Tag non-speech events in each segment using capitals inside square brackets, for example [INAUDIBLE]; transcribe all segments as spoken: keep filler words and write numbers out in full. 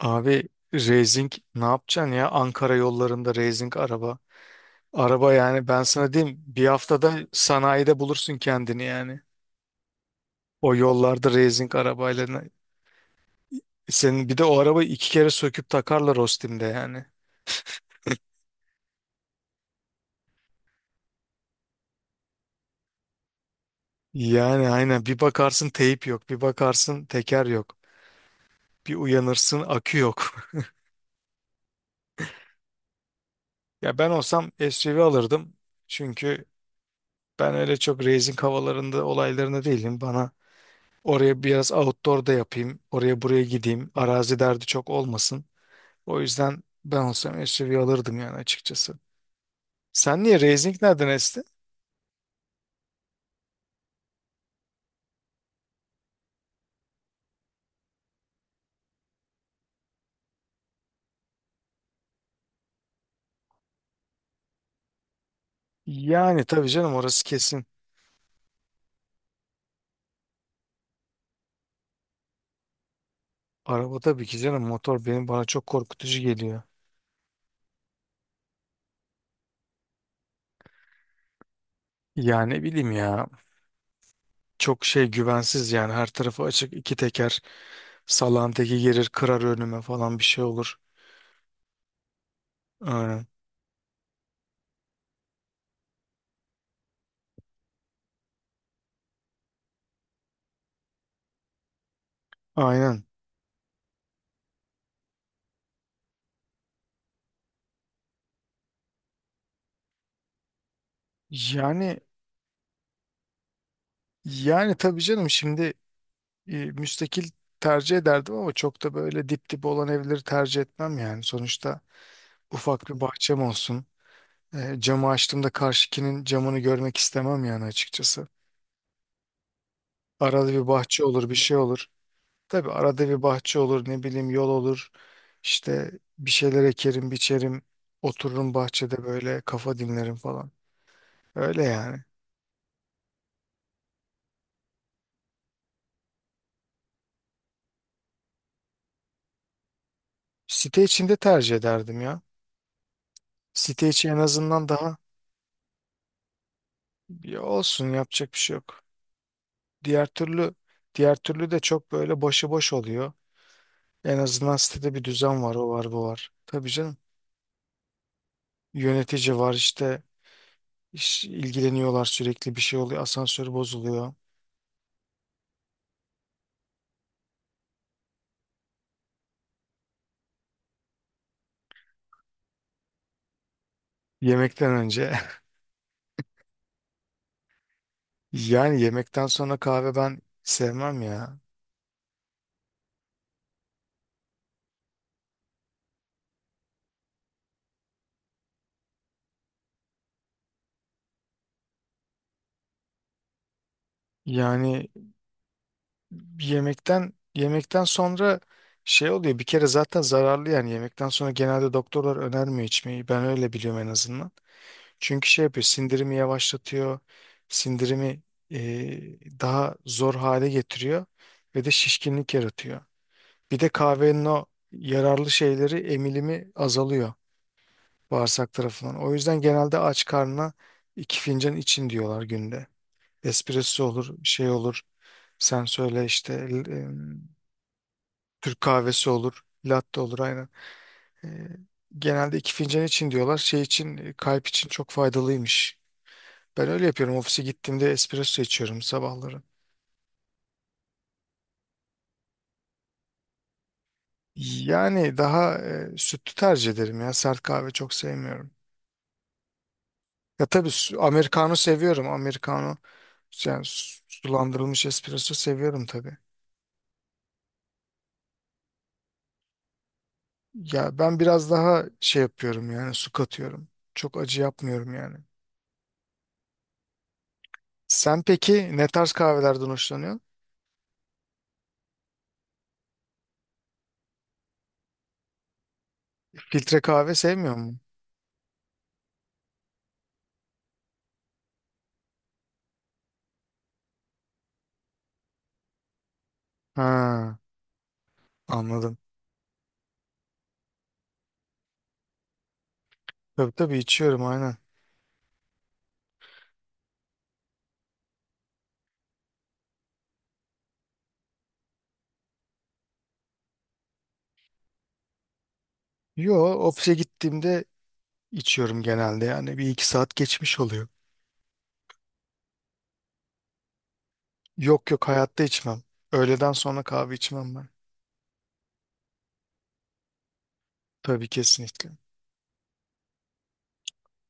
Abi racing ne yapacaksın ya, Ankara yollarında racing araba. Araba yani, ben sana diyeyim, bir haftada sanayide bulursun kendini yani. O yollarda racing arabayla. ne- Senin bir de o arabayı iki kere söküp takarlar Ostim'de yani. Yani aynen, bir bakarsın teyip yok, bir bakarsın teker yok. Bir uyanırsın akü yok. [LAUGHS] Ya ben olsam S U V alırdım. Çünkü ben öyle çok racing havalarında, olaylarında değilim. Bana oraya biraz outdoor da yapayım. Oraya buraya gideyim. Arazi derdi çok olmasın. O yüzden ben olsam S U V alırdım yani, açıkçası. Sen niye? Racing nereden esti? Yani tabii canım, orası kesin. Araba tabii ki canım, motor benim bana çok korkutucu geliyor. Yani ne bileyim ya, çok şey güvensiz yani, her tarafı açık, iki teker, salan teki gelir kırar önüme falan, bir şey olur. Aynen. Aynen. Yani yani tabii canım şimdi, e, müstakil tercih ederdim ama çok da böyle dip dip olan evleri tercih etmem yani. Sonuçta ufak bir bahçem olsun. E, camı açtığımda karşıkinin camını görmek istemem yani, açıkçası. Arada bir bahçe olur, bir şey olur. Tabii arada bir bahçe olur, ne bileyim yol olur. İşte bir şeyler ekerim, biçerim. Otururum bahçede böyle kafa dinlerim falan. Öyle yani. Site içinde tercih ederdim ya. Site içi en azından daha... Ya olsun, yapacak bir şey yok. Diğer türlü diğer türlü de çok böyle başıboş oluyor. En azından sitede bir düzen var, o var, bu var. Tabii canım. Yönetici var işte, iş- ilgileniyorlar, sürekli bir şey oluyor. Asansör bozuluyor. Yemekten önce. [LAUGHS] Yani yemekten sonra kahve ben sevmem ya. Yani yemekten yemekten sonra şey oluyor. Bir kere zaten zararlı yani, yemekten sonra genelde doktorlar önermiyor içmeyi. Ben öyle biliyorum en azından. Çünkü şey yapıyor, sindirimi yavaşlatıyor, sindirimi e, daha zor hale getiriyor ve de şişkinlik yaratıyor. Bir de kahvenin o yararlı şeyleri emilimi azalıyor, bağırsak tarafından. O yüzden genelde aç karnına iki fincan için diyorlar günde. Espresso olur, şey olur, sen söyle işte, e, Türk kahvesi olur, latte olur, aynen. E, Genelde iki fincan için diyorlar. Şey için, e, kalp için çok faydalıymış. Ben öyle yapıyorum. Ofise gittiğimde espresso içiyorum sabahları. Yani daha e, sütlü tercih ederim ya. Sert kahve çok sevmiyorum. Ya tabii su- Americano seviyorum. Americano yani, su- sulandırılmış espresso seviyorum tabii. Ya ben biraz daha şey yapıyorum yani, su katıyorum. Çok acı yapmıyorum yani. Sen peki ne tarz kahvelerden hoşlanıyorsun? Filtre kahve sevmiyor musun? Ha, anladım. Tabii tabii, içiyorum aynen. Yo, ofise gittiğimde içiyorum genelde yani. Bir iki saat geçmiş oluyor. Yok yok, hayatta içmem. Öğleden sonra kahve içmem ben. Tabii, kesinlikle.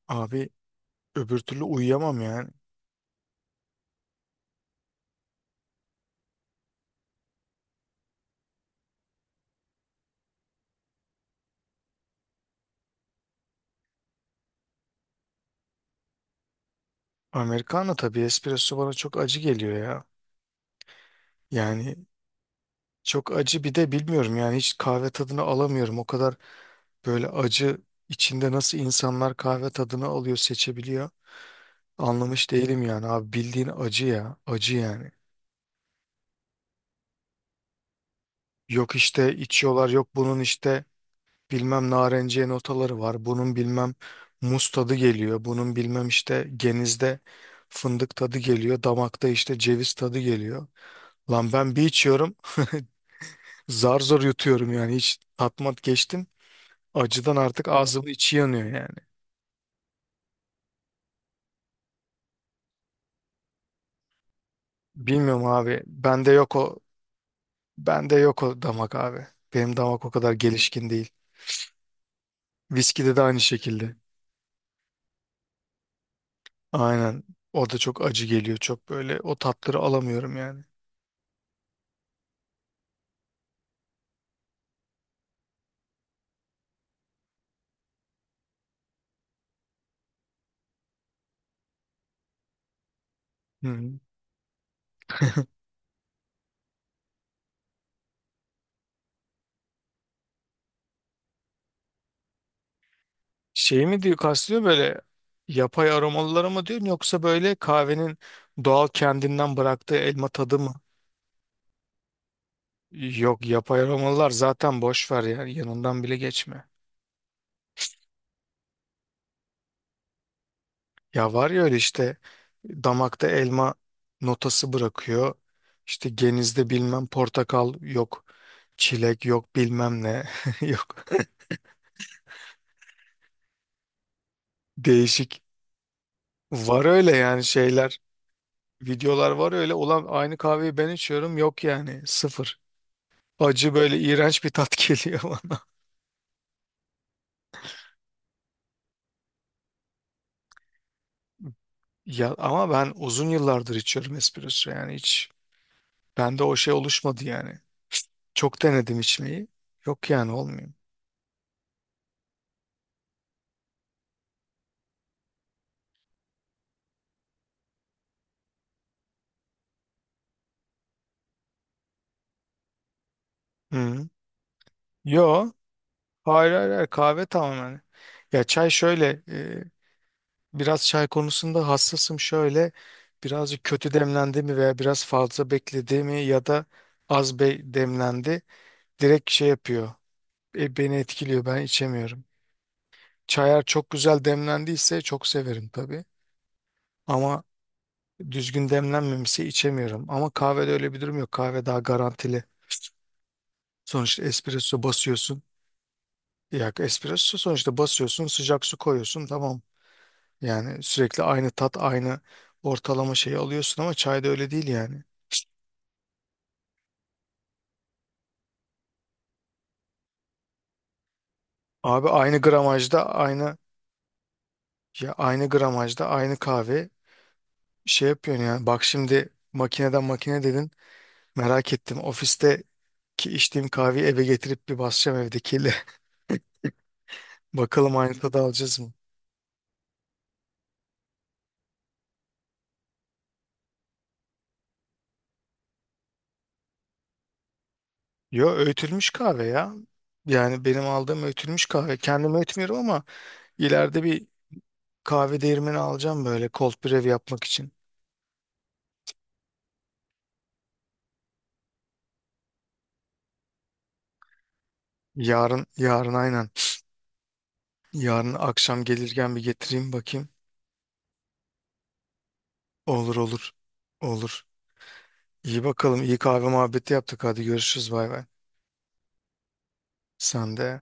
Abi öbür türlü uyuyamam yani. Americano tabii, espresso bana çok acı geliyor ya. Yani çok acı, bir de bilmiyorum yani, hiç kahve tadını alamıyorum. O kadar böyle acı içinde nasıl insanlar kahve tadını alıyor, seçebiliyor. Anlamış değilim yani abi, bildiğin acı ya, acı yani. Yok işte içiyorlar, yok bunun işte bilmem narenciye notaları var. Bunun bilmem muz tadı geliyor. Bunun bilmem işte genizde fındık tadı geliyor. Damakta işte ceviz tadı geliyor. Lan ben bir içiyorum [LAUGHS] zar zor yutuyorum yani, hiç tatmat geçtim. Acıdan artık. Evet. Ağzımın içi yanıyor yani. Bilmiyorum abi. Bende yok o bende yok o damak abi. Benim damak o kadar gelişkin değil. Viskide de aynı şekilde. Aynen. Orada çok acı geliyor. Çok böyle o tatları alamıyorum yani. Hı. Şey mi diyor, kastediyor böyle yapay aromalıları mı diyorsun, yoksa böyle kahvenin doğal kendinden bıraktığı elma tadı mı? Yok, yapay aromalılar zaten boş ver yani, yanından bile geçme. Ya var ya, öyle işte damakta elma notası bırakıyor. İşte genizde bilmem portakal yok, çilek yok, bilmem ne [LAUGHS] yok. Değişik. Var öyle yani şeyler, videolar var öyle. Ulan aynı kahveyi ben içiyorum, yok yani, sıfır. Acı böyle, iğrenç bir tat [LAUGHS] geliyor bana. Ya ama ben uzun yıllardır içiyorum espresso yani, hiç bende o şey oluşmadı yani. Çok denedim içmeyi. Yok yani, olmuyor. Hı. Yo. Hayır hayır hayır, kahve tamamen. Ya çay şöyle, e, biraz çay konusunda hassasım, şöyle birazcık kötü demlendi mi veya biraz fazla bekledi mi ya da az be demlendi, direkt şey yapıyor. E, beni etkiliyor. Ben içemiyorum. Çayar çok güzel demlendiyse çok severim tabii. Ama düzgün demlenmemişse içemiyorum. Ama kahvede öyle bir durum yok. Kahve daha garantili. Sonuçta espresso basıyorsun. Ya espresso sonuçta basıyorsun, sıcak su koyuyorsun, tamam. Yani sürekli aynı tat, aynı ortalama şeyi alıyorsun ama çayda öyle değil yani. Abi aynı gramajda aynı, ya aynı gramajda aynı kahve şey yapıyorsun yani. Bak şimdi makineden makine dedin. Merak ettim. Ofiste ki içtiğim kahveyi eve getirip bir basacağım evdekiyle. [LAUGHS] Bakalım aynı tadı alacağız mı? Yo, öğütülmüş kahve ya. Yani benim aldığım öğütülmüş kahve. Kendim öğütmüyorum ama ileride bir kahve değirmeni alacağım, böyle cold brew yapmak için. Yarın, yarın aynen. Yarın akşam gelirken bir getireyim bakayım. Olur olur. Olur. İyi bakalım. İyi kahve muhabbeti yaptık. Hadi görüşürüz. Bay bay. Sen de.